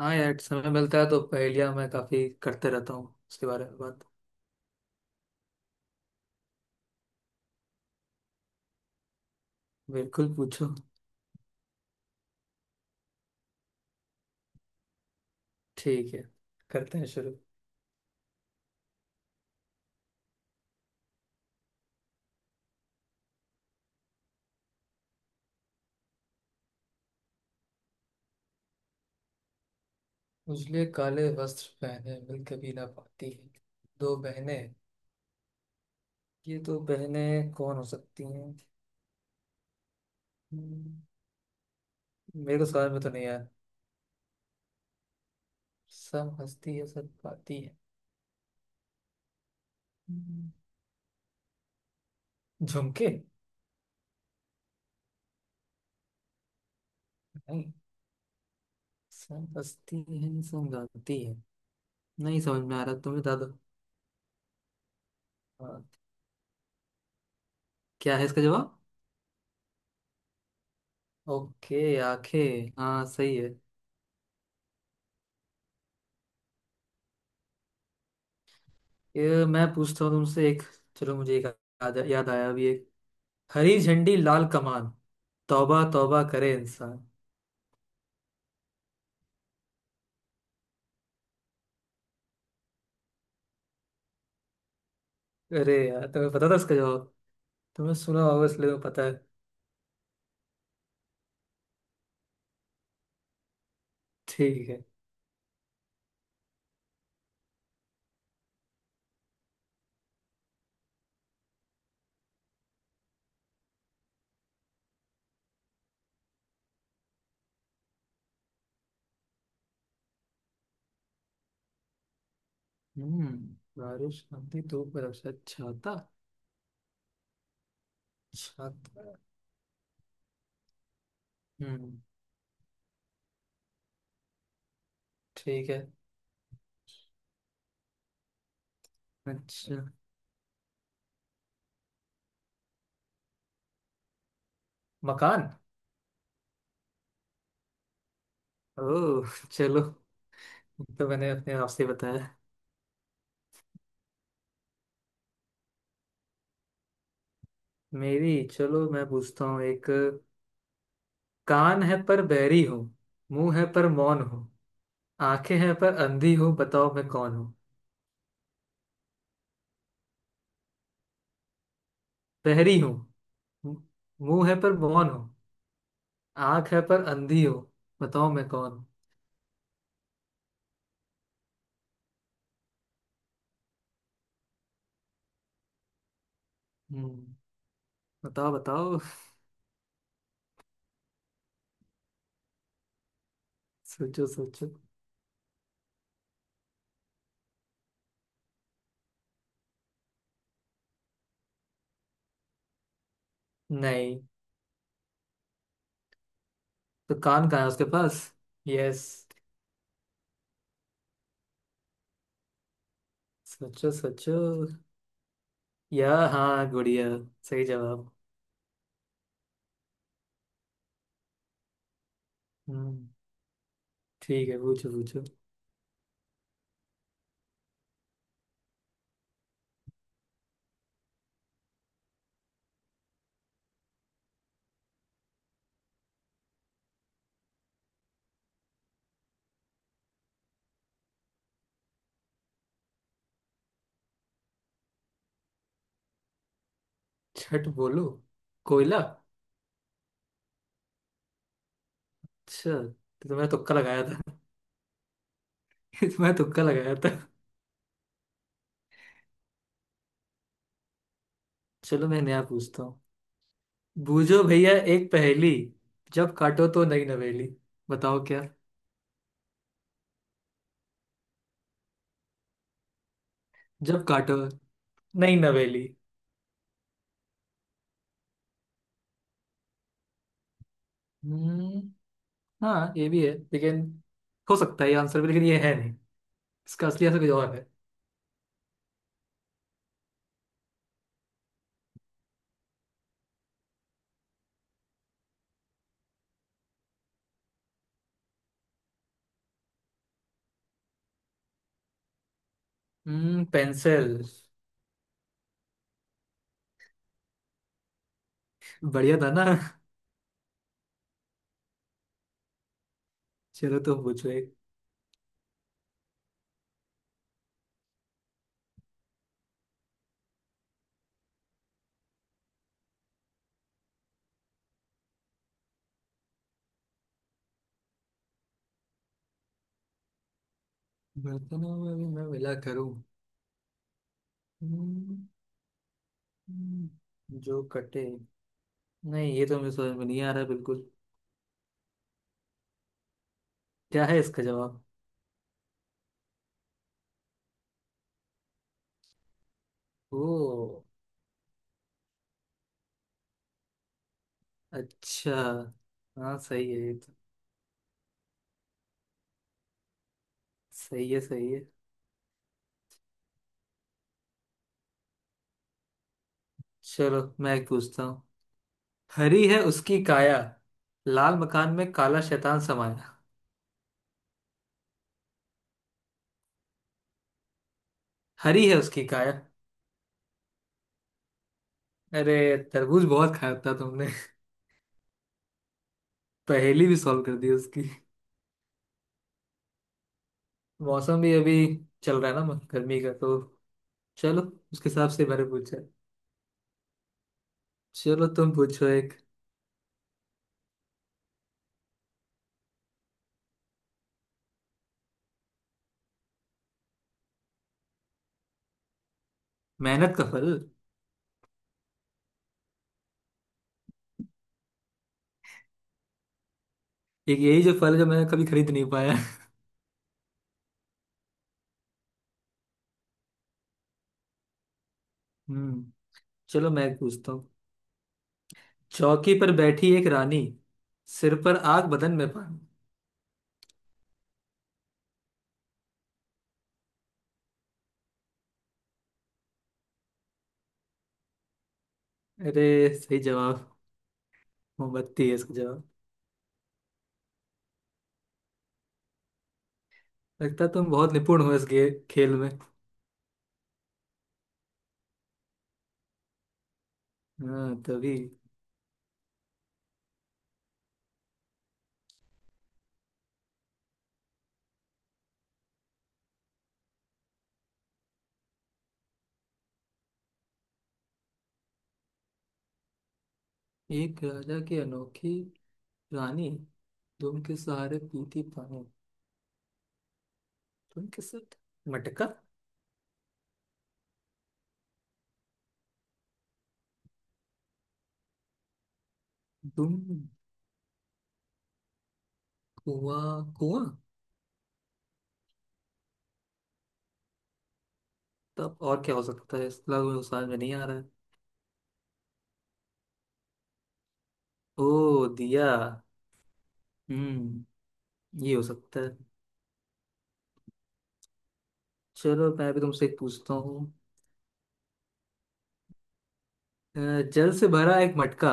हाँ यार, समय मिलता है तो पहेलियाँ मैं काफी करते रहता हूँ। उसके बारे में बात। बिल्कुल, पूछो। ठीक है, करते हैं शुरू। उजले काले वस्त्र पहने मिल कभी ना पाती है। दो बहने। ये दो बहनें कौन हो सकती हैं। हम्म, मेरे को समझ में तो नहीं आया। सब हंसती है सब गाती है। हम्म, झुमके। नहीं, सब हंसती है सब गाती है। नहीं समझ में आ रहा तुम्हें दादा। हाँ, क्या है इसका जवाब। ओके, आंखें। हाँ सही है। ये मैं पूछता हूँ तुमसे एक। चलो, मुझे एक याद याद आया अभी एक। हरी झंडी लाल कमान, तौबा तौबा करे इंसान। अरे यार, तुम्हें पता था इसका जवाब। तुम्हें सुना होगा इसलिए तुम्हें पता है। ठीक है। हम्म। बारिश आती धूप में रक्षा, छाता। छाता। हम्म। ठीक है। अच्छा। मकान। ओ। चलो, तो मैंने अपने आप से बताया। मेरी, चलो मैं पूछता हूँ एक। कान है पर बहरी हूँ, मुंह है पर मौन हूँ, आंखें हैं पर अंधी हूँ, बताओ मैं कौन हूँ। बहरी हूँ। मु- मुंह है पर मौन हूँ। आंख है पर अंधी हूँ, बताओ मैं कौन हूँ। हम्म, बताओ बताओ सोचो सोचो। नहीं, तो कान कहाँ है उसके पास। यस। सोचो सोचो। या हाँ, गुड़िया। सही जवाब। हम्म। ठीक है, पूछो पूछो। छठ बोलो। कोयला। अच्छा, तो तुम्हें तुक्का लगाया था। तुम्हें तुक्का लगाया था। चलो मैं नया पूछता हूँ। बूझो भैया एक पहेली, जब काटो तो नई नवेली, बताओ क्या। जब काटो, नई नवेली। हम्म। हाँ ये भी है, लेकिन हो सकता है ये आंसर भी, लेकिन ये है नहीं। इसका असली आंसर कुछ और है। हम्म, पेंसिल। बढ़िया था ना। चलो तो पूछो एक। बर्तनों में भी मैं मिला करूं। हम्म, हम्म, जो कटे। नहीं, ये तो मुझे समझ में नहीं आ रहा बिल्कुल। क्या है इसका जवाब। ओ। अच्छा। हाँ सही है ये तो। सही है, सही है। चलो मैं एक पूछता हूँ। हरी है उसकी काया, लाल मकान में काला शैतान समाया। हरी है उसकी काया। अरे, तरबूज बहुत खाया था तुमने। पहेली भी सॉल्व कर दी उसकी। मौसम भी अभी चल रहा है ना, गर्मी का तो। चलो, उसके हिसाब से मैंने पूछा। चलो तुम पूछो एक। मेहनत का फल। एक यही जो फल है जो मैंने कभी खरीद नहीं पाया। हम्म। चलो मैं एक पूछता हूँ। चौकी पर बैठी एक रानी, सिर पर आग बदन में पानी। अरे, सही जवाब। मोमबत्ती है इसका। लगता है तुम बहुत निपुण हो इस खेल में। हाँ तभी। एक राजा की अनोखी रानी, दुम के सहारे पीती पानी। तुम के साथ, मटका। दुम, कुआं कुआं। तब और क्या हो सकता है, इसका मुझे समझ में नहीं आ रहा है। ओ, दिया। हम्म, ये हो सकता है। चलो मैं भी तुमसे एक पूछता हूँ। अ, जल से भरा एक मटका,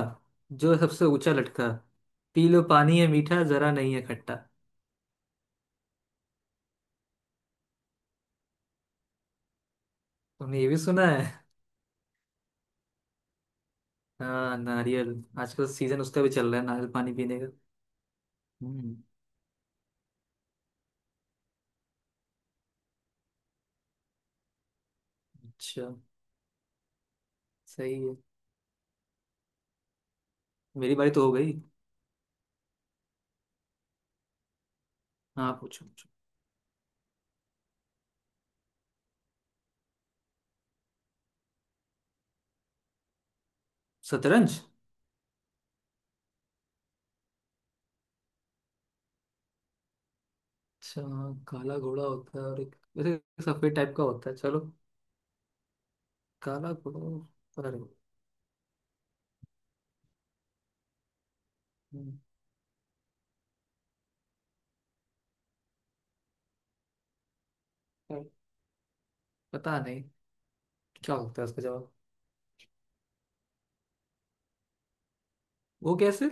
जो सबसे ऊंचा लटका, पी लो पानी है मीठा जरा नहीं है खट्टा। तुमने ये भी सुना है। हाँ, नारियल। आजकल सीजन उसका भी चल रहा है, नारियल पानी पीने का। हम्म। अच्छा। सही है। मेरी बारी तो हो गई। हाँ, पूछो पूछो। शतरंज। अच्छा हाँ, काला घोड़ा होता है और एक वैसे एक सफेद टाइप का होता है। चलो, काला घोड़ा, अरे। हम्म, पर पता नहीं क्या होता है उसका जवाब। वो कैसे।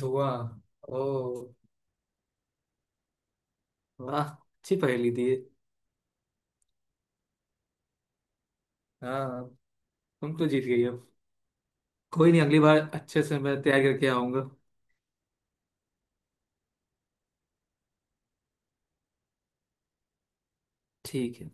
धुआं। ओ। वाह, अच्छी पहेली दी है। हाँ, तुम तो जीत गई अब। कोई नहीं, अगली बार अच्छे से मैं तैयार करके आऊंगा। ठीक है।